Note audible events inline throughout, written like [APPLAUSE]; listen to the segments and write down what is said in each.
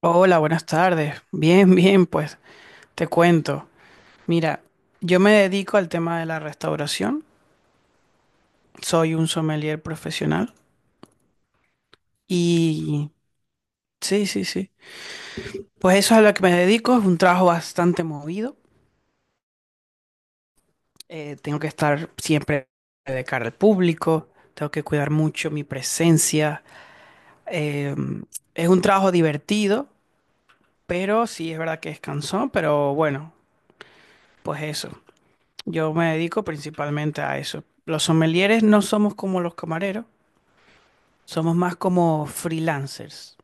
Hola, buenas tardes. Bien, bien, pues te cuento. Mira, yo me dedico al tema de la restauración. Soy un sommelier profesional y sí, sí, sí. Pues eso es a lo que me dedico. Es un trabajo bastante movido. Tengo que estar siempre de cara al público. Tengo que cuidar mucho mi presencia. Eh, es un trabajo divertido, pero sí es verdad que es cansón, pero bueno, pues eso. Yo me dedico principalmente a eso. Los sommeliers no somos como los camareros, somos más como freelancers,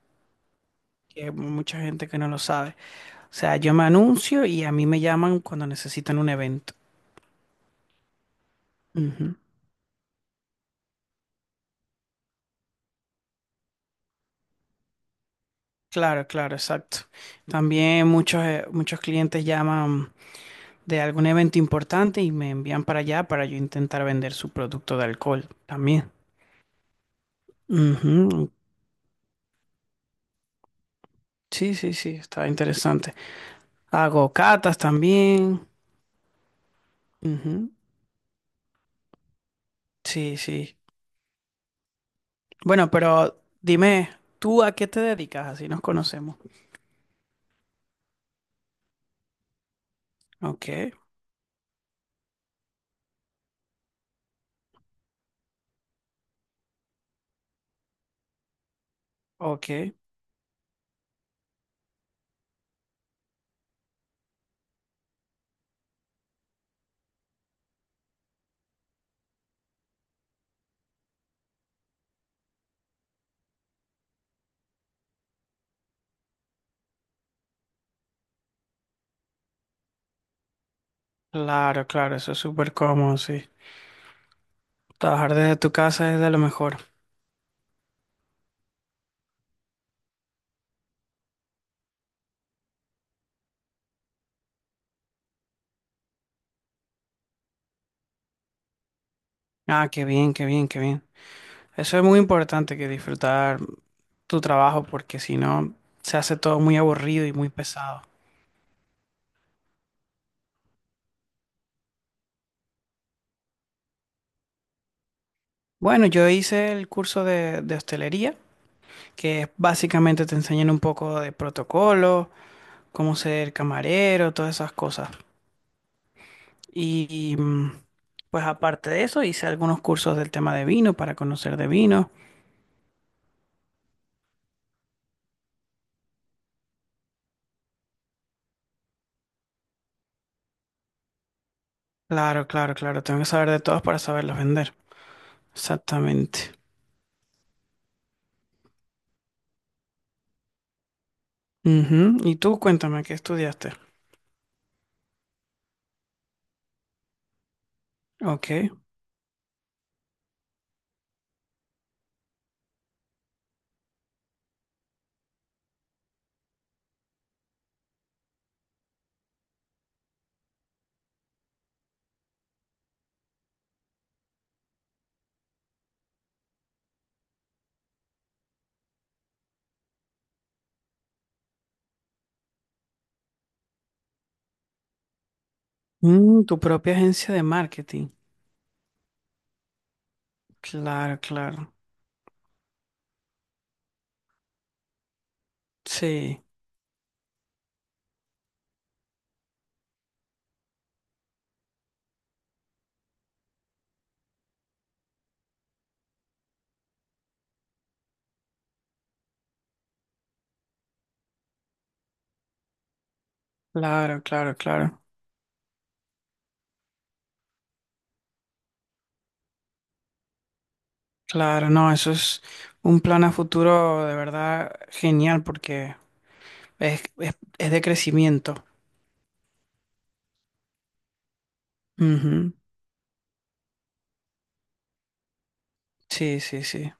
que hay mucha gente que no lo sabe. O sea, yo me anuncio y a mí me llaman cuando necesitan un evento. Ujú. Claro, claro, exacto. También muchos, muchos clientes llaman de algún evento importante y me envían para allá para yo intentar vender su producto de alcohol también. Ujú. Sí, sí, sí, está interesante. Hago catas también. Ujú. Sí, sí. Bueno, pero dime, ¿tú a qué te dedicas? Así nos conocemos. Ok, ok. Claro, claro, eso es súper cómodo, sí. Trabajar desde tu casa es de lo mejor. Ah, qué bien, qué bien, qué bien. Eso es muy importante que disfrutar tu trabajo porque si no se hace todo muy aburrido y muy pesado. Bueno, yo hice el curso de hostelería, que es básicamente te enseñan un poco de protocolo, cómo ser camarero, todas esas cosas. Y pues aparte de eso, hice algunos cursos del tema de vino para conocer de vino. Claro, claro, claro, tengo que saber de todos para saberlos vender. Exactamente. Ujú. Y tú cuéntame, ¿qué estudiaste? Ok. Mm, tu propia agencia de marketing. Claro, claro. Sí, claro, claro, claro. Claro, no, eso es un plan a futuro de verdad genial porque es de crecimiento. Ujú. Sí, sí, sí.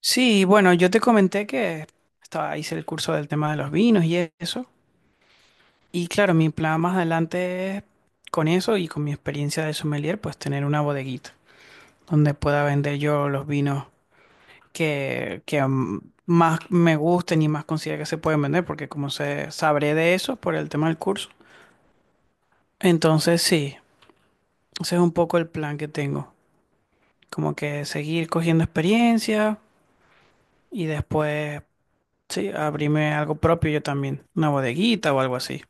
Sí, bueno, yo te comenté que estaba, hice el curso del tema de los vinos y eso. Y claro, mi plan más adelante es con eso y con mi experiencia de sommelier, pues tener una bodeguita donde pueda vender yo los vinos que más me gusten y más considero que se pueden vender, porque como sé, sabré de eso por el tema del curso. Entonces, sí, ese es un poco el plan que tengo. Como que seguir cogiendo experiencia y después sí, abrirme algo propio yo también, una bodeguita o algo así.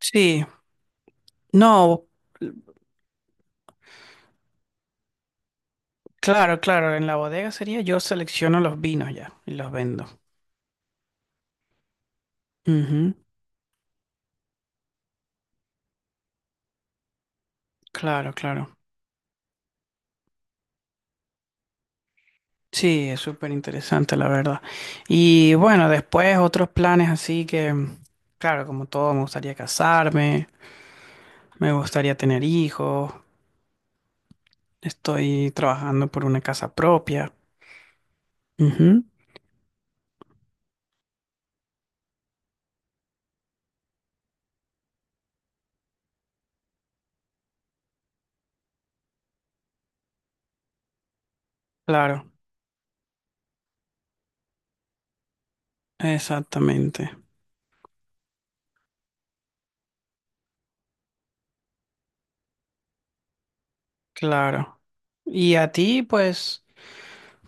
Sí, no, claro, claro, en la bodega sería yo selecciono los vinos ya y los vendo. Ujú, claro, claro. Sí, es súper interesante, la verdad. Y bueno, después otros planes así que, claro, como todo, me gustaría casarme, me gustaría tener hijos, estoy trabajando por una casa propia. Ujú, claro, exactamente. Claro. Y a ti, pues,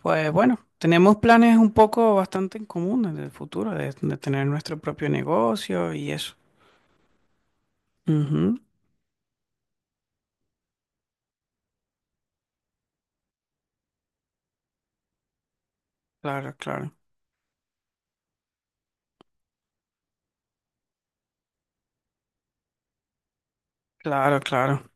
pues bueno, tenemos planes un poco bastante en común en el futuro, de tener nuestro propio negocio y eso. Ujú, claro, claro, claro, claro,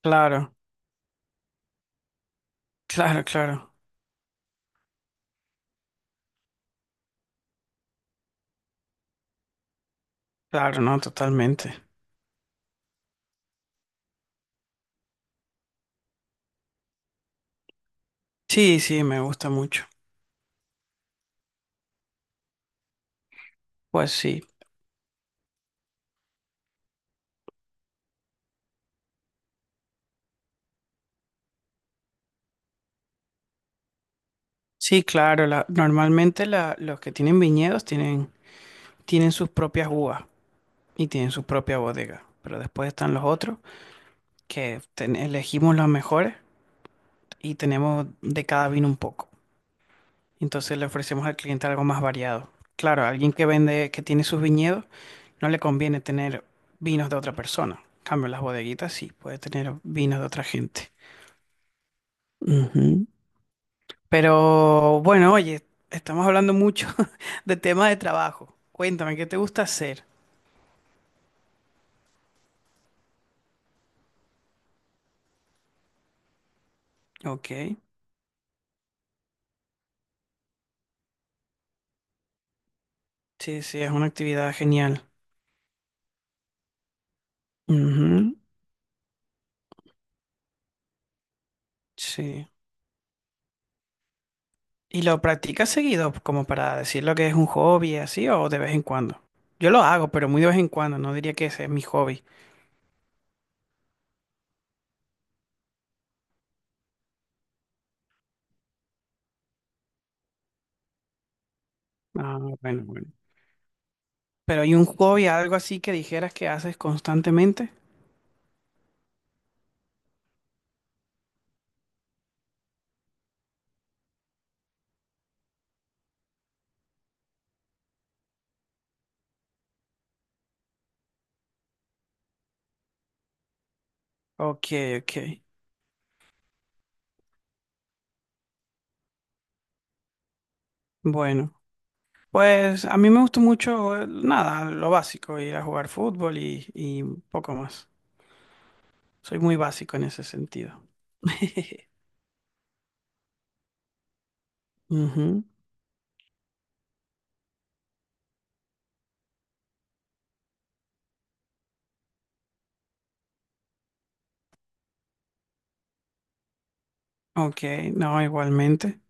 claro, claro, claro, claro, no, totalmente. Sí, sí, me gusta mucho. Pues sí, sí, claro, la- normalmente la- los que tienen viñedos tienen, tienen sus propias uvas y tienen su propia bodega, pero después están los otros que ten- elegimos las mejores y tenemos de cada vino un poco. Entonces le ofrecemos al cliente algo más variado. Claro, a alguien que vende, que tiene sus viñedos, no le conviene tener vinos de otra persona. En cambio, las bodeguitas sí, puede tener vinos de otra gente. Ujú. Pero bueno, oye, estamos hablando mucho [LAUGHS] de temas de trabajo. Cuéntame, ¿qué te gusta hacer? Ok, sí, sí, es una actividad genial. Ujú, sí. ¿Y lo practicas seguido, como para decir lo que es un hobby, así, o de vez en cuando? Yo lo hago, pero muy de vez en cuando, no diría que ese es mi hobby. Ah, bueno, bueno. Pero ¿hay un hobby, algo así que dijeras que haces constantemente? Ok, ok. Bueno, pues a mí me gusta mucho, nada, lo básico, ir a jugar fútbol y poco más. Soy muy básico en ese sentido. [LAUGHS] Ujú. Ok, no, igualmente.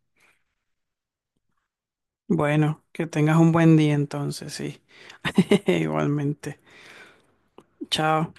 Bueno, que tengas un buen día entonces, sí. [LAUGHS] Igualmente. Chao.